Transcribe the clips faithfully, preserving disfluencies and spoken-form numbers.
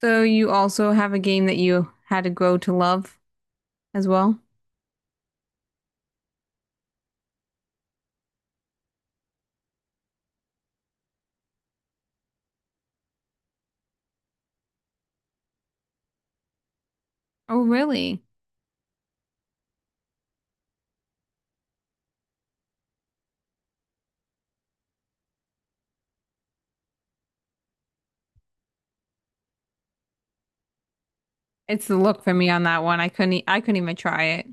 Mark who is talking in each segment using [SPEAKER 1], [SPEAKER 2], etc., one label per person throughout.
[SPEAKER 1] So you also have a game that you had to grow to love as well? Oh, really? It's the look for me on that one. I couldn't e- I couldn't even try it.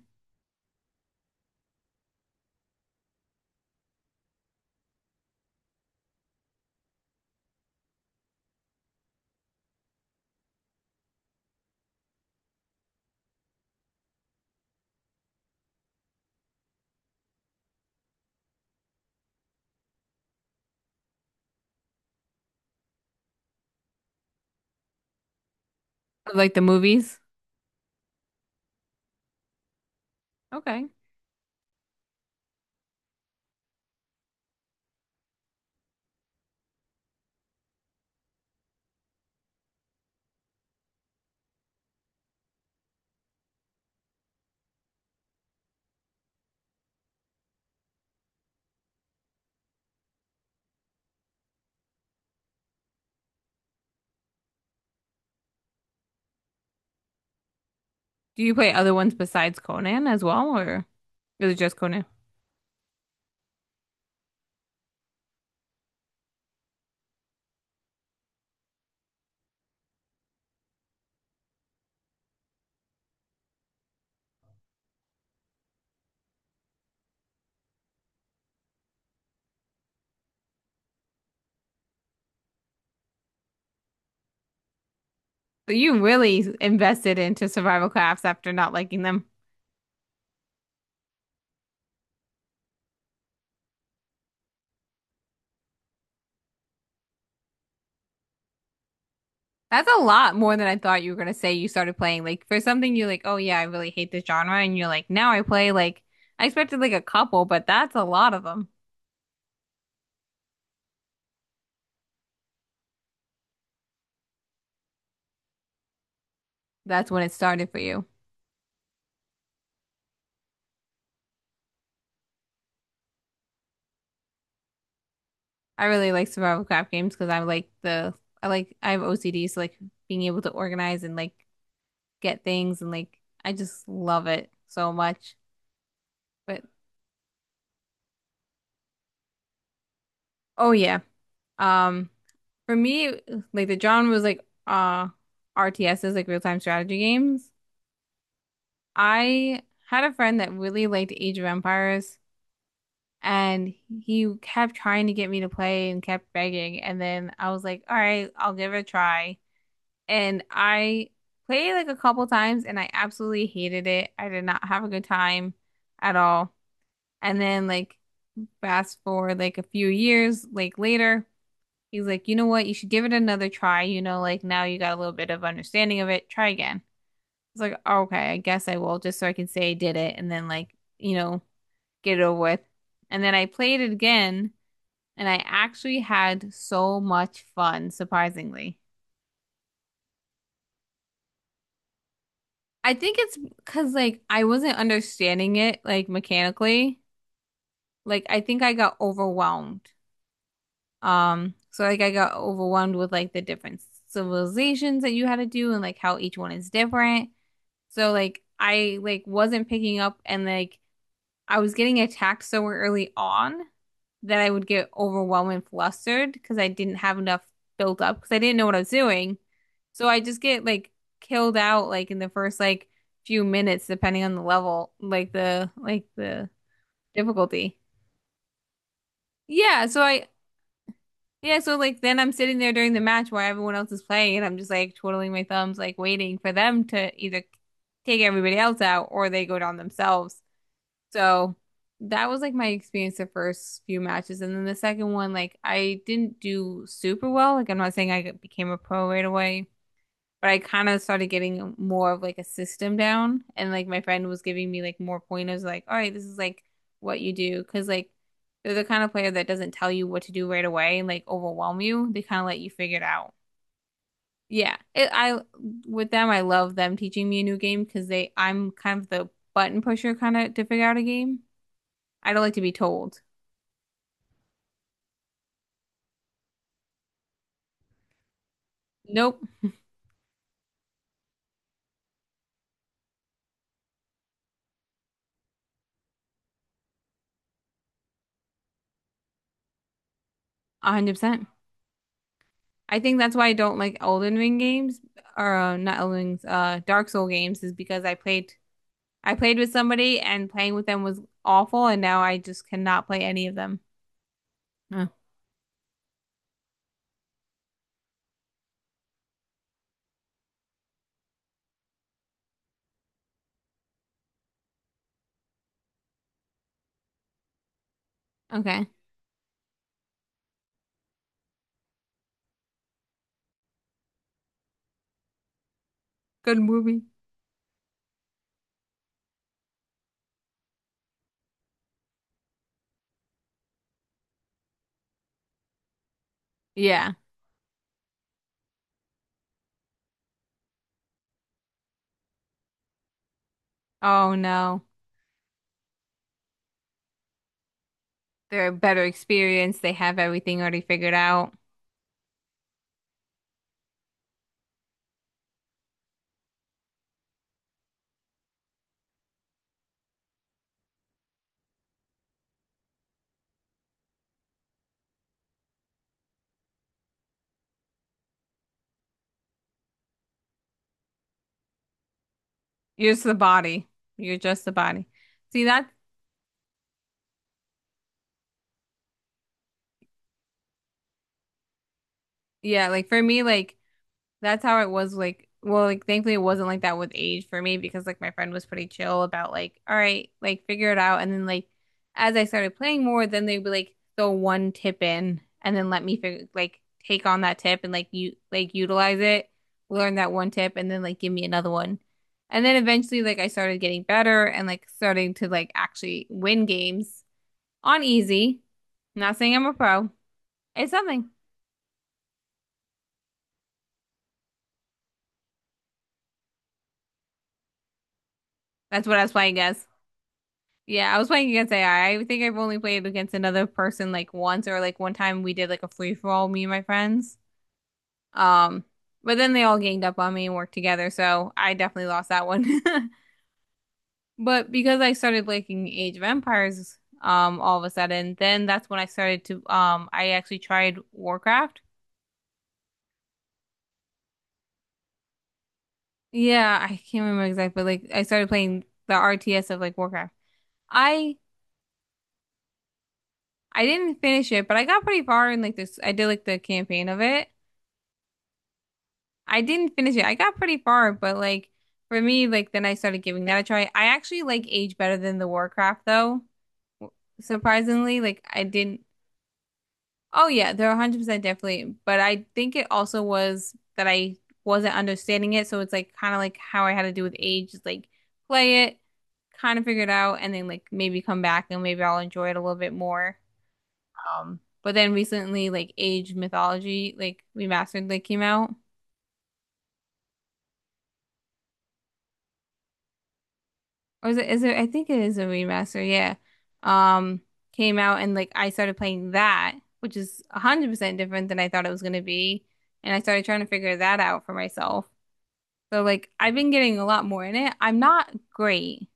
[SPEAKER 1] Like the movies? Okay. Do you play other ones besides Conan as well, or is it just Conan? So you really invested into survival crafts after not liking them. That's a lot more than I thought you were gonna say you started playing. Like for something you're like, oh yeah, I really hate this genre, and you're like, now I play like I expected like a couple, but that's a lot of them. That's when it started for you. I really like survival craft games because I like the I like I have O C D, so like being able to organize and like get things and like I just love it so much. But oh yeah, um, for me like the genre was like uh R T Ss like real time strategy games. I had a friend that really liked Age of Empires and he kept trying to get me to play and kept begging, and then I was like, all right, I'll give it a try. And I played like a couple times and I absolutely hated it. I did not have a good time at all. And then like fast forward like a few years like later, he's like, "You know what? You should give it another try. You know, like now you got a little bit of understanding of it. Try again." It's like, "Okay, I guess I will, just so I can say I did it, and then like, you know, get it over with." And then I played it again and I actually had so much fun, surprisingly. I think it's because like I wasn't understanding it like mechanically. Like I think I got overwhelmed. Um, so like I got overwhelmed with like the different civilizations that you had to do and like how each one is different. So like I like wasn't picking up, and like I was getting attacked so early on that I would get overwhelmed and flustered because I didn't have enough built up because I didn't know what I was doing. So I just get like killed out like in the first like few minutes depending on the level, like the like the difficulty. Yeah, so I yeah, so like then I'm sitting there during the match while everyone else is playing and I'm just like twiddling my thumbs like waiting for them to either take everybody else out or they go down themselves. So that was like my experience the first few matches. And then the second one, like I didn't do super well. Like I'm not saying I became a pro right away, but I kind of started getting more of like a system down. And like my friend was giving me like more pointers, like, all right, this is like what you do. Cause like they're the kind of player that doesn't tell you what to do right away and like overwhelm you. They kind of let you figure it out. Yeah, it, I with them, I love them teaching me a new game because they I'm kind of the button pusher kind of to figure out a game. I don't like to be told. Nope, one hundred percent. I think that's why I don't like Elden Ring games, or uh, not Elden Rings, uh Dark Soul games, is because I played I played with somebody and playing with them was awful and now I just cannot play any of them. Oh, okay. Good movie. Yeah. Oh no. They're a better experience. They have everything already figured out. You're just the body. You're just the body. See that? Yeah, like for me, like that's how it was, like, well, like thankfully it wasn't like that with Age for me because like my friend was pretty chill about, like, all right, like figure it out. And then like as I started playing more, then they'd be like throw one tip in and then let me figure like take on that tip and like you like utilize it, learn that one tip and then like give me another one. And then eventually like I started getting better and like starting to like actually win games on easy. Not saying I'm a pro. It's something. That's what I was playing as. Yeah, I was playing against A I. I I think I've only played against another person like once, or like one time we did like a free for all, me and my friends. Um, but then they all ganged up on me and worked together, so I definitely lost that one. But because I started liking Age of Empires, um, all of a sudden, then that's when I started to um I actually tried Warcraft. Yeah, I can't remember exactly, but like I started playing the R T S of like Warcraft. I I didn't finish it, but I got pretty far in like this I did like the campaign of it. I didn't finish it. I got pretty far, but like for me, like then I started giving that a try. I actually like Age better than the Warcraft though, surprisingly. Like I didn't. Oh yeah, they're one hundred percent definitely, but I think it also was that I wasn't understanding it, so it's like kind of like how I had to do with Age, just like play it, kind of figure it out, and then like maybe come back and maybe I'll enjoy it a little bit more. Um, but then recently, like Age Mythology, like Remastered, like came out. Or is it, is it, I think it is a remaster, yeah. Um, came out and like I started playing that, which is one hundred percent different than I thought it was going to be. And I started trying to figure that out for myself. So like I've been getting a lot more in it. I'm not great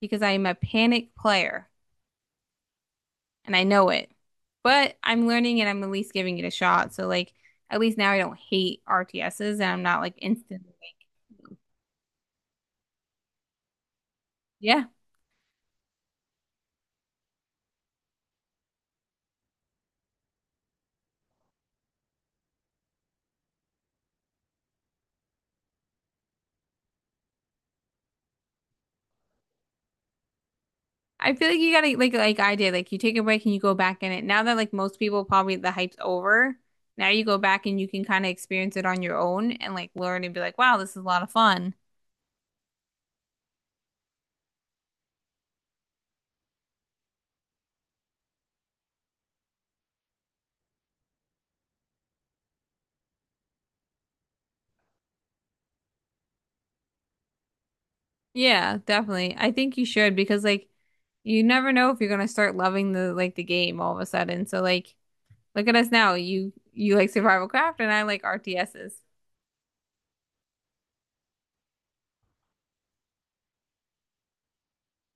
[SPEAKER 1] because I'm a panic player and I know it. But I'm learning and I'm at least giving it a shot. So like at least now I don't hate R T Ss and I'm not like instantly. Like, yeah. I feel like you gotta like like I did, like you take a break and you go back in it. Now that like most people probably the hype's over, now you go back and you can kind of experience it on your own and like learn and be like, wow, this is a lot of fun. Yeah, definitely. I think you should because like you never know if you're gonna start loving the like the game all of a sudden. So like look at us now. You you like survival craft and I like R T Ss.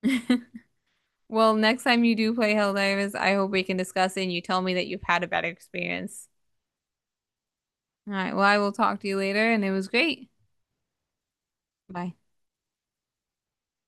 [SPEAKER 1] Well, next time you do play Helldivers, I hope we can discuss it and you tell me that you've had a better experience. All right, well, I will talk to you later and it was great. Bye.